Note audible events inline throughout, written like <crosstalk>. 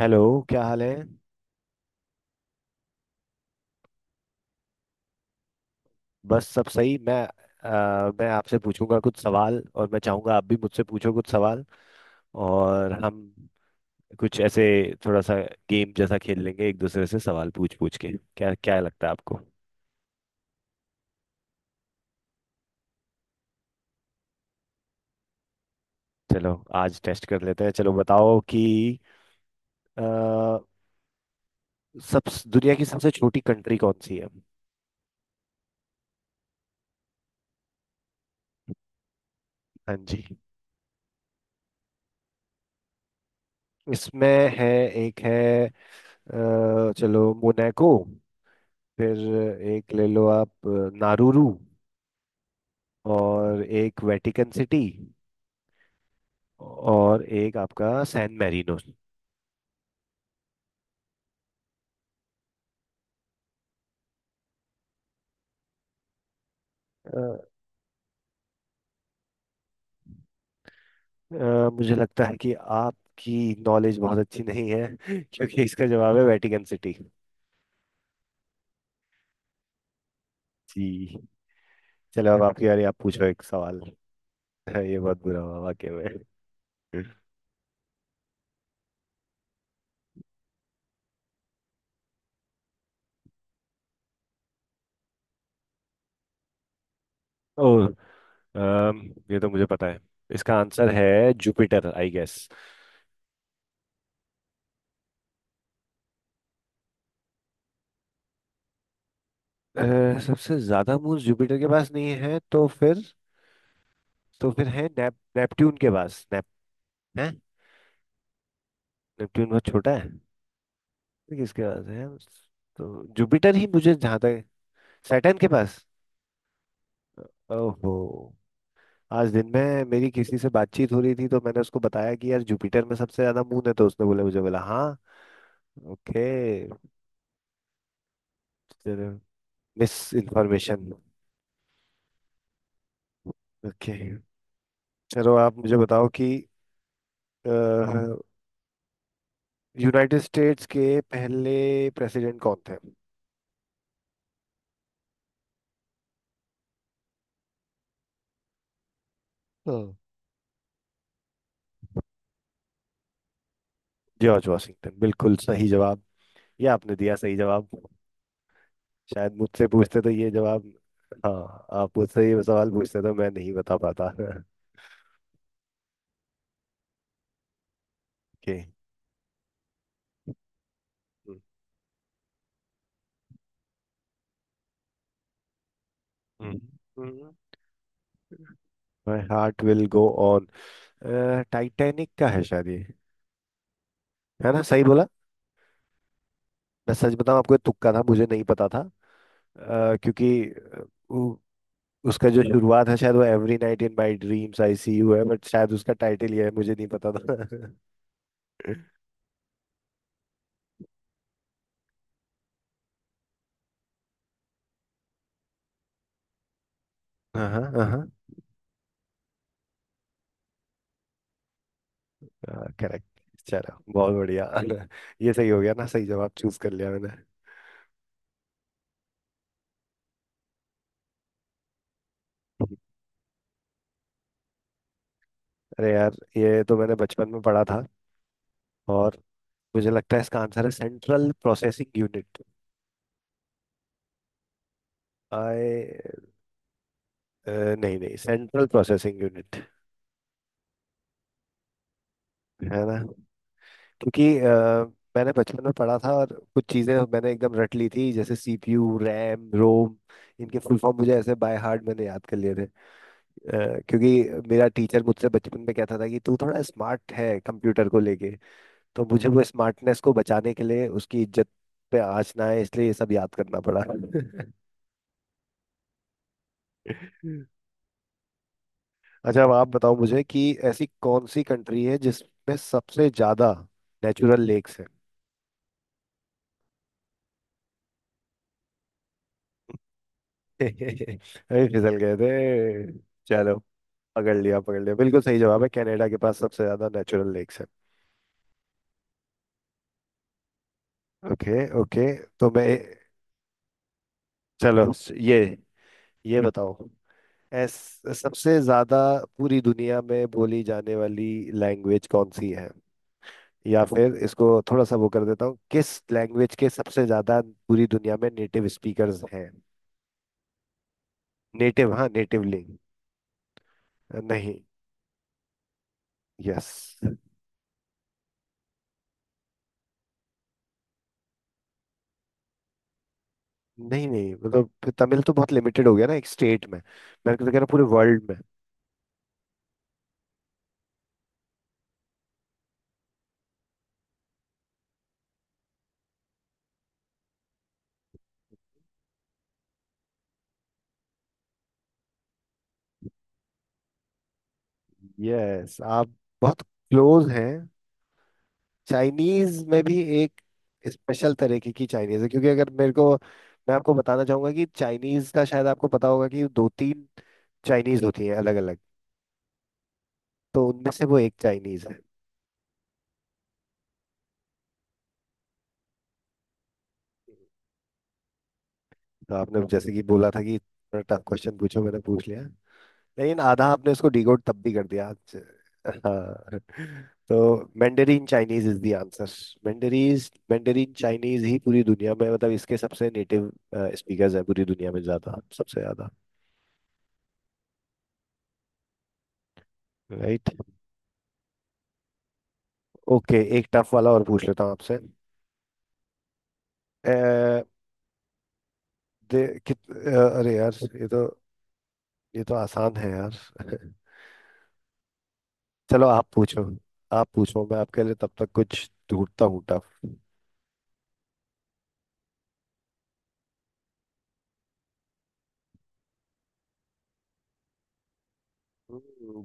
Hello. क्या हाल है। बस सब सही। मैं मैं आपसे पूछूंगा कुछ सवाल और मैं चाहूंगा आप भी मुझसे पूछो कुछ सवाल। और हम कुछ ऐसे थोड़ा सा गेम जैसा खेल लेंगे एक दूसरे से सवाल पूछ पूछ के। क्या क्या लगता है आपको। चलो आज टेस्ट कर लेते हैं। चलो बताओ कि अ, सब दुनिया की सबसे छोटी कंट्री कौन सी है। हाँ जी। इसमें है एक है। चलो मोनाको। फिर एक ले लो आप। नारुरू। और एक वेटिकन सिटी। और एक आपका सैन मैरिनो। अ, मुझे लगता है कि आपकी नॉलेज बहुत अच्छी नहीं है <laughs> क्योंकि इसका जवाब है वेटिकन सिटी। जी। चलो अब आपकी बारी, आप पूछो एक सवाल। <laughs> ये बहुत बुरा हुआ वाकई में। ओह। अम, ये तो मुझे पता है, इसका आंसर है जुपिटर आई गेस। सबसे ज्यादा मून जुपिटर के पास नहीं है तो फिर, तो फिर है नेपट्यून के पास। नेप है। नेपट्यून बहुत छोटा है। ये किसके पास है। तो जुपिटर ही, मुझे जहाँ तक, सैटर्न के पास। ओहो। आज दिन में मेरी किसी से बातचीत हो रही थी तो मैंने उसको बताया कि यार जुपिटर में सबसे ज्यादा मून है तो उसने बोला, मुझे बोला हाँ। ओके। चलो। Misinformation. ओके। चलो आप मुझे बताओ कि अ, यूनाइटेड स्टेट्स के पहले प्रेसिडेंट कौन थे। हाँ, जॉर्ज वॉशिंगटन, बिल्कुल सही जवाब। ये आपने दिया सही जवाब। शायद मुझसे पूछते तो ये जवाब, हाँ, आप मुझसे ये सवाल पूछते तो मैं नहीं बता पाता। <laughs> Okay. My heart will go on, Titanic का है शायद ये। है ना, सही बोला। मैं सच बताऊं आपको, ये तुक्का था, मुझे नहीं पता था। क्योंकि उ, उसका जो शुरुआत है शायद वो every night in my dreams I see you है, बट शायद उसका टाइटल ये है, मुझे नहीं पता था। <laughs> हाँ। हाँ, करेक्ट। चलो बहुत बढ़िया। <laughs> ये सही हो गया ना, सही जवाब चूज कर लिया मैंने। अरे यार ये तो मैंने बचपन में पढ़ा था और मुझे लगता है इसका आंसर है सेंट्रल प्रोसेसिंग यूनिट। आए। नहीं नहीं सेंट्रल प्रोसेसिंग यूनिट। है ना। क्योंकि मैंने बचपन में पढ़ा था और कुछ चीज़ें मैंने एकदम रट ली थी, जैसे सीपीयू, रैम, रोम, इनके फुल फॉर्म मुझे ऐसे बाय हार्ट मैंने याद कर लिए थे। क्योंकि मेरा टीचर मुझसे बचपन में कहता था कि तू थोड़ा स्मार्ट है कंप्यूटर को लेके, तो मुझे वो स्मार्टनेस को बचाने के लिए उसकी इज्जत पे आँच ना आए इसलिए ये सब याद करना पड़ा। <laughs> अच्छा, अब आप बताओ मुझे कि ऐसी कौन सी कंट्री है जिसमें सबसे ज्यादा नेचुरल लेक्स है। <laughs> अरे फिसल गए थे। चलो, पकड़ लिया, पकड़ लिया, बिल्कुल सही जवाब है, कनाडा के पास सबसे ज्यादा नेचुरल लेक्स है। Okay okay. तो मैं चलो ये ये बताओ। एस, सबसे ज्यादा पूरी दुनिया में बोली जाने वाली लैंग्वेज कौन सी है, या फिर इसको थोड़ा सा वो कर देता हूँ, किस लैंग्वेज के सबसे ज्यादा पूरी दुनिया में नेटिव स्पीकर्स हैं। नेटिव, हाँ, नेटिव लिंग। नहीं। यस। नहीं नहीं मतलब तमिल तो बहुत लिमिटेड हो गया ना एक स्टेट में, मैं तो कह रहा हूँ पूरे वर्ल्ड में। यस, आप बहुत क्लोज हैं। चाइनीज में भी एक स्पेशल तरीके की चाइनीज है, क्योंकि अगर मेरे को मैं आपको बताना चाहूंगा कि चाइनीज का, शायद आपको पता होगा कि दो तीन चाइनीज होती हैं अलग अलग, तो उनमें से वो एक चाइनीज है। तो आपने जैसे कि बोला था कि टफ क्वेश्चन पूछो, मैंने पूछ लिया, लेकिन आधा आपने उसको डिकोड तब भी कर दिया। हाँ, तो Mandarin Chinese is the answer. Mandarins Mandarin Chinese ही पूरी दुनिया में, मतलब इसके सबसे नेटिव स्पीकर्स है पूरी दुनिया में ज्यादा, सबसे ज्यादा। राइट। ओके, एक टफ वाला और पूछ लेता हूँ आपसे। अ, दे अरे यार ये तो, ये तो आसान है यार। <laughs> चलो आप पूछो। आप पूछो, मैं आपके लिए तब तक कुछ ढूंढता हूँ टफ।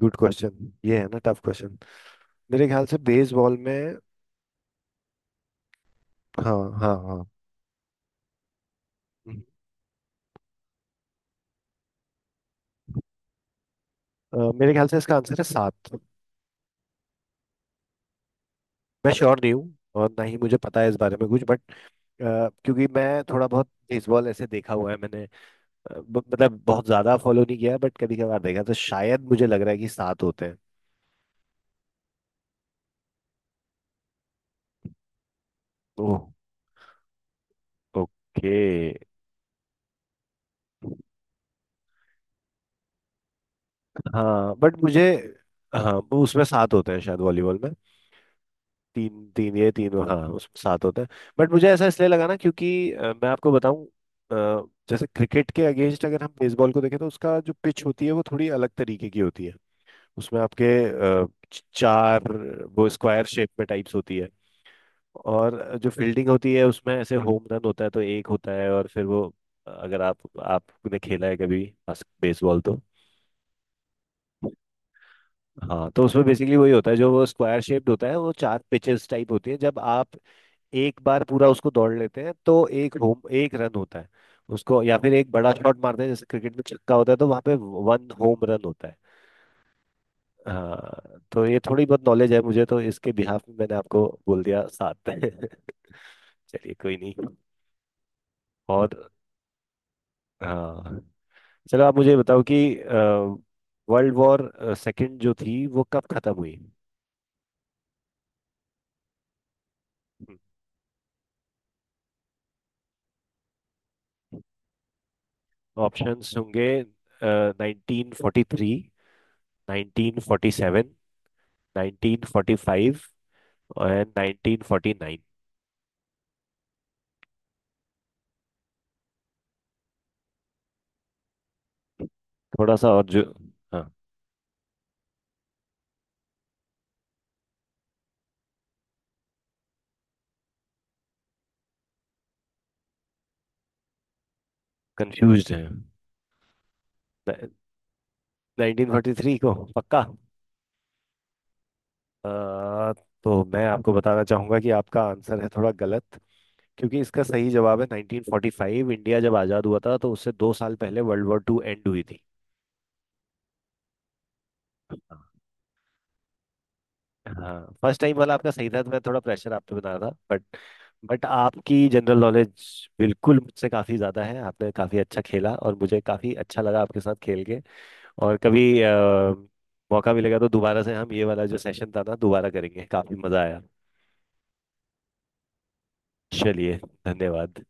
गुड क्वेश्चन, ये है ना टफ क्वेश्चन। मेरे ख्याल से बेसबॉल में, हाँ हाँ हाँ। हम्म। मेरे ख्याल से इसका आंसर है सात। मैं श्योर नहीं हूँ और ना ही मुझे पता है इस बारे में कुछ, बट क्योंकि मैं थोड़ा बहुत बेसबॉल ऐसे देखा हुआ है मैंने। मतलब बहुत ज्यादा फॉलो नहीं किया, बट कभी कभार देखा तो शायद मुझे लग रहा है कि सात होते हैं। ओह। ओके। हाँ बट मुझे, हाँ, उसमें सात होते हैं शायद, वॉलीबॉल में तीन तीन, ये तीन, हाँ, उसमें सात होता है। बट मुझे ऐसा इसलिए लगा ना, क्योंकि मैं आपको बताऊं, जैसे क्रिकेट के अगेंस्ट अगर हम बेसबॉल को देखें तो उसका जो पिच होती है वो थोड़ी अलग तरीके की होती है। उसमें आपके अ, चार, वो स्क्वायर शेप में टाइप्स होती है, और जो फील्डिंग होती है उसमें ऐसे होम रन होता है तो एक होता है, और फिर वो, अगर आप, आपने खेला है कभी बेसबॉल तो, हाँ, तो उसमें बेसिकली वही होता है, जो वो स्क्वायर शेप्ड होता है वो चार पिचेस टाइप होती है, जब आप एक बार पूरा उसको दौड़ लेते हैं तो एक होम, एक रन होता है उसको, या फिर एक बड़ा शॉट मारते हैं जैसे क्रिकेट में छक्का होता है तो वहां पे वन होम रन होता है। हाँ, तो ये थोड़ी बहुत नॉलेज है मुझे, तो इसके बिहाफ में मैंने आपको बोल दिया सात। <laughs> चलिए कोई नहीं। और हाँ, चलो आप मुझे बताओ कि वर्ल्ड वॉर सेकंड जो थी वो कब खत्म हुई। ऑप्शंस होंगे, nineteen forty three, nineteen forty seven, nineteen forty five, और नाइनटीन फोर्टी नाइन। थोड़ा सा और जो, हाँ, कंफ्यूज है। नाइनटीन फोर्टी थ्री को पक्का। अ, तो मैं आपको बताना चाहूंगा कि आपका आंसर है थोड़ा गलत, क्योंकि इसका सही जवाब है 1945, इंडिया जब आज़ाद हुआ था तो उससे दो साल पहले वर्ल्ड वॉर टू एंड हुई थी। हाँ। हाँ, फर्स्ट टाइम वाला आपका सही था, तो मैं थोड़ा प्रेशर आप पे बना रहा था, बट आपकी जनरल नॉलेज बिल्कुल मुझसे काफ़ी ज़्यादा है, आपने काफ़ी अच्छा खेला और मुझे काफ़ी अच्छा लगा आपके साथ खेल के। और कभी मौका मिलेगा तो दोबारा से हम ये वाला जो सेशन था ना दोबारा करेंगे, काफ़ी मज़ा आया। चलिए, धन्यवाद।